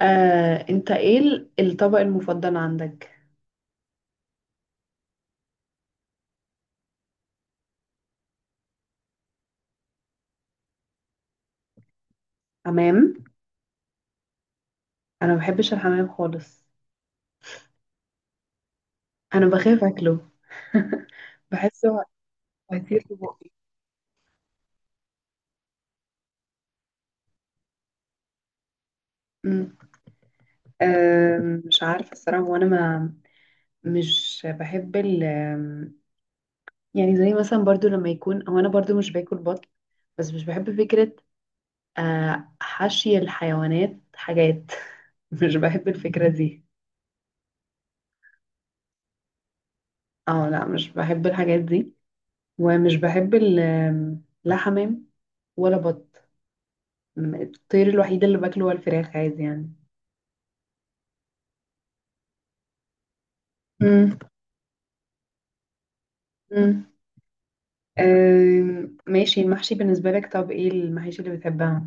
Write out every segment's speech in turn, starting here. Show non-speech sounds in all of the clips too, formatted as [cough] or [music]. انت ايه الطبق المفضل عندك؟ حمام! انا ما بحبش الحمام خالص. انا بخاف اكله. [laughs] بحسه هيطير في بقي. أمم. مش عارفه الصراحه، وانا ما مش بحب ال آم، يعني زي مثلا، برضو لما يكون هو، انا برضو مش باكل بط، بس مش بحب فكره حشي الحيوانات، حاجات. [laughs] مش بحب الفكره دي. اه لا، مش بحب الحاجات دي، ومش بحب ال آم، لا حمام ولا بط. الطير الوحيد اللي باكله هو الفراخ، عادي يعني. امم. امم. ماشي، المحشي بالنسبة لك. طب ايه المحاشي اللي بتحبها؟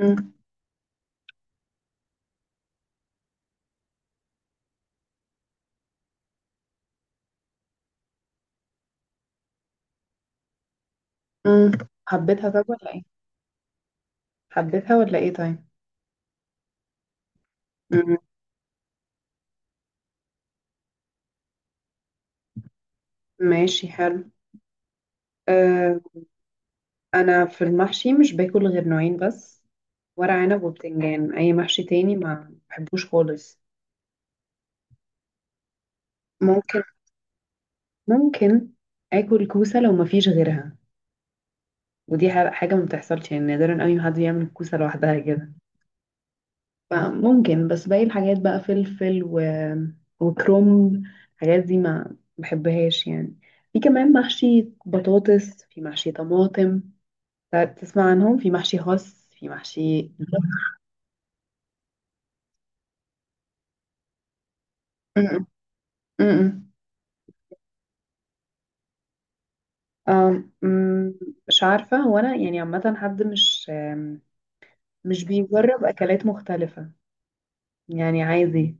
امم. امم. حبيتها طب ولا ايه؟ حبيتها ولا ايه طيب؟ مم، ماشي، حلو. أه. انا في المحشي مش باكل غير نوعين بس، ورق عنب وبتنجان. اي محشي تاني ما بحبوش خالص. ممكن، ممكن اكل كوسة لو ما فيش غيرها، ودي حاجة ما بتحصلش يعني، نادرا قوي ما حد يعمل كوسة لوحدها كده. فممكن، بس باقي الحاجات بقى فلفل و... وكرومب، الحاجات دي ما بحبهاش يعني. في كمان محشي بطاطس، في محشي طماطم. تسمع عنهم؟ في محشي خس، في محشي م. آم، م، مش عارفة، هو أنا يعني عامة حد مش مش بيجرب أكلات مختلفة، يعني عادي.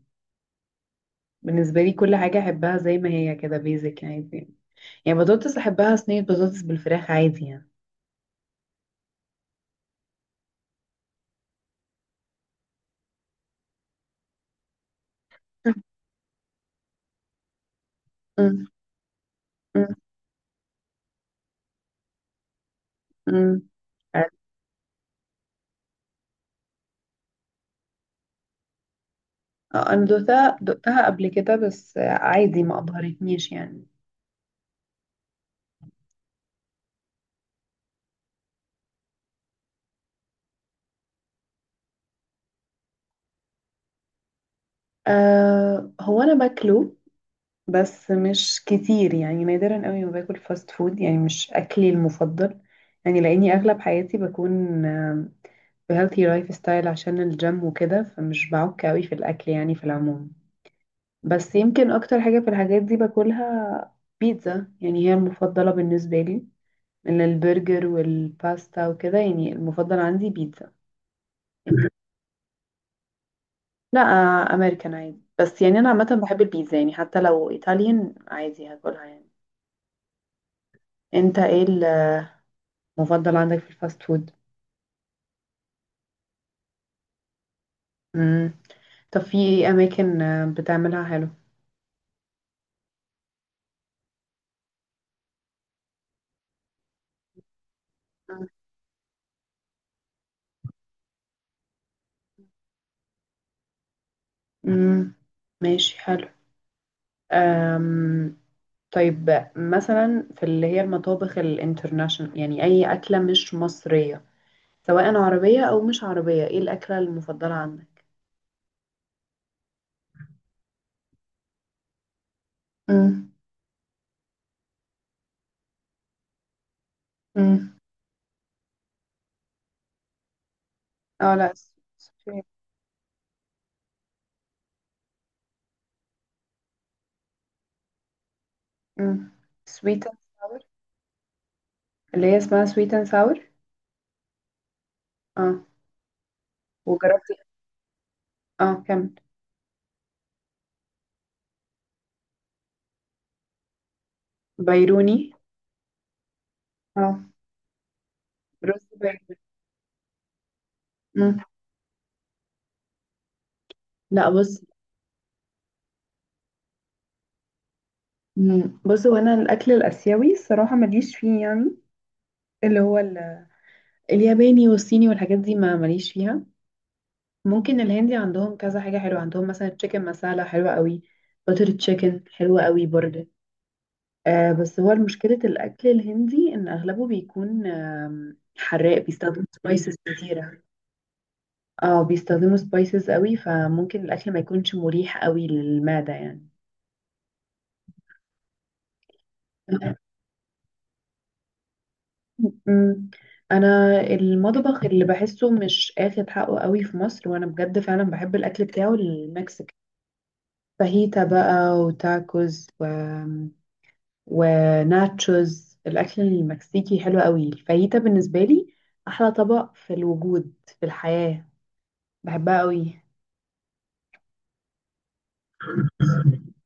بالنسبة لي كل حاجة أحبها زي ما هي كده، بيزك عادي يعني. بطاطس أحبها صينية، بطاطس بالفراخ، عادي يعني. م- م- امم. انا دقتها قبل كده، بس عادي، ما ابهرتنيش يعني. أه، هو انا باكله، بس مش كتير يعني، نادرا قوي ما باكل فاست فود، يعني مش اكلي المفضل، يعني لاني اغلب حياتي بكون هيلثي لايف ستايل، عشان الجيم وكده، فمش بعك قوي في الاكل يعني، في العموم. بس يمكن اكتر حاجة في الحاجات دي باكلها بيتزا، يعني هي المفضلة بالنسبة لي، من البرجر والباستا وكده، يعني المفضل عندي بيتزا. [laughs] لا امريكان عادي، بس يعني انا عامه بحب البيتزا يعني، حتى لو ايطاليان عادي هاكلها يعني. انت ايه المفضل عندك في الفاست فود؟ امم. طب في ايه اماكن بتعملها حلو؟ امم، ماشي حلو. أم... طيب، مثلا في اللي هي المطابخ الانترناشونال، يعني اي اكله مش مصريه، سواء عربيه او مش عربيه، ايه الاكله المفضله عندك؟ امم. امم. اه لا، سويت. امم. سويت، اللي هي اسمها سويت اند ساور. اه. وجربت. اه كمل. بيروني. اه. رز بيروني. مم. لا بص، مم. بص، هو انا الاكل الاسيوي الصراحه ماليش فيه يعني، اللي هو الياباني والصيني والحاجات دي ما ماليش فيها. ممكن الهندي عندهم كذا حاجه حلوه، عندهم مثلا تشيكن مسالة حلوه قوي، بتر تشيكن حلوه قوي برضه. آه بس هو مشكله الاكل الهندي ان اغلبه بيكون حراق، بيستخدم سبايسز كتيره. اه بيستخدموا سبايسز قوي، فممكن الاكل ما يكونش مريح قوي للمعدة يعني. أمم، [laughs] انا المطبخ اللي بحسه مش اخد حقه قوي في مصر، وانا بجد فعلا بحب الاكل بتاعه المكسيك، فاهيتا بقى وتاكوز و... وناتشوز، الاكل المكسيكي حلو قوي. الفاهيتا بالنسبة لي احلى طبق في الوجود، في الحياة، بحبها قوي. [laughs]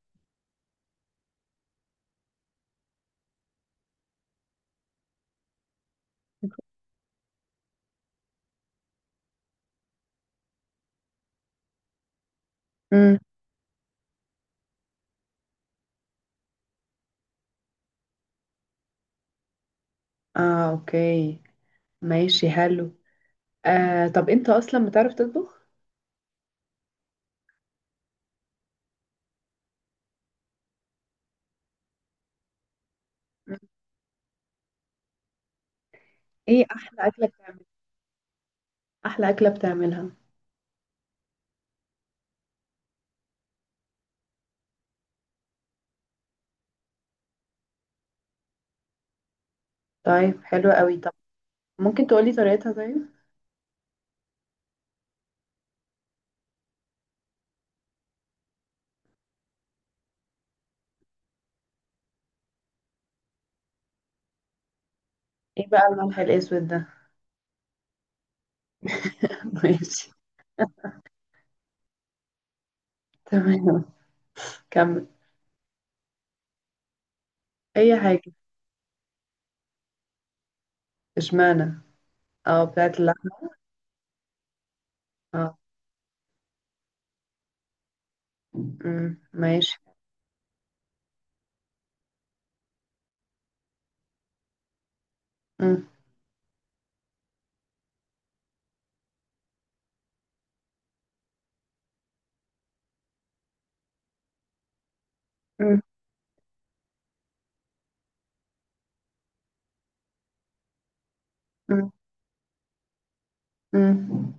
امم. اه اوكي، ماشي حلو. آه طب انت اصلا بتعرف تطبخ؟ مم. ايه احلى اكله بتعملها؟ احلى اكله بتعملها؟ طيب حلو قوي. طب ممكن تقولي طريقتها طيب؟ ايه بقى الملح الاسود ده؟ [laughs] ماشي، تمام، كمل. اي حاجه. اشمعنى؟ اه بتاعت اللحمه. اه. امم، ماشي. امم. امم. امم. امم.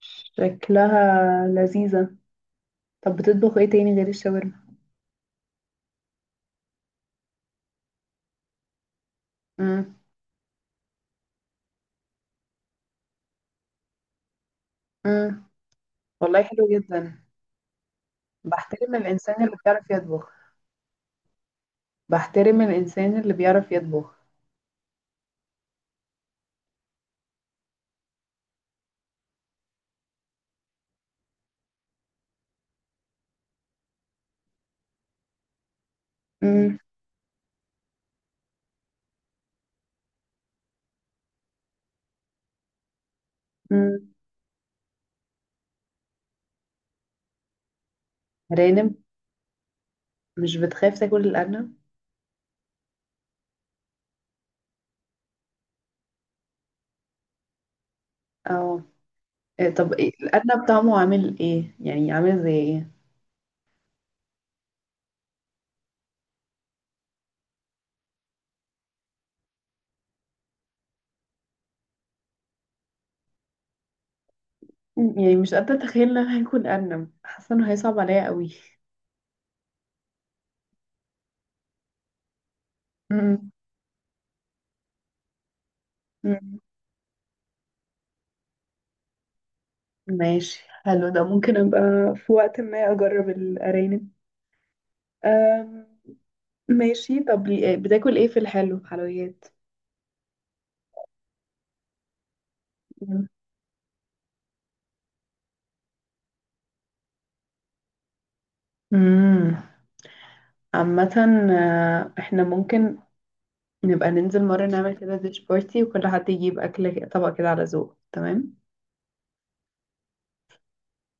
شكلها لذيذه. طب بتطبخ ايه تاني غير الشاورما؟ امم. امم. والله حلو جدا. بحترم الانسان اللي بيعرف يطبخ. بحترم الانسان اللي بيعرف يطبخ. مم. مم. رانب؟ مش بتخاف تاكل الأرنب؟ اه. طب إيه الأرنب طعمه عامل ايه، يعني عامل زي ايه؟ مم. يعني مش قادرة اتخيل ان انا هاكل أرنب، حاسة انه هيصعب عليا قوي. مم. مم. ماشي، حلو ده، ممكن ابقى في وقت ما اجرب الأرانب. أم. ماشي، طب لي- آه، بتاكل ايه في الحلو، حلويات؟ مم. مم. عامة احنا ممكن نبقى ننزل مرة نعمل كده ديش بارتي، وكل حد يجيب أكل، طبق كده على ذوقه. تمام؟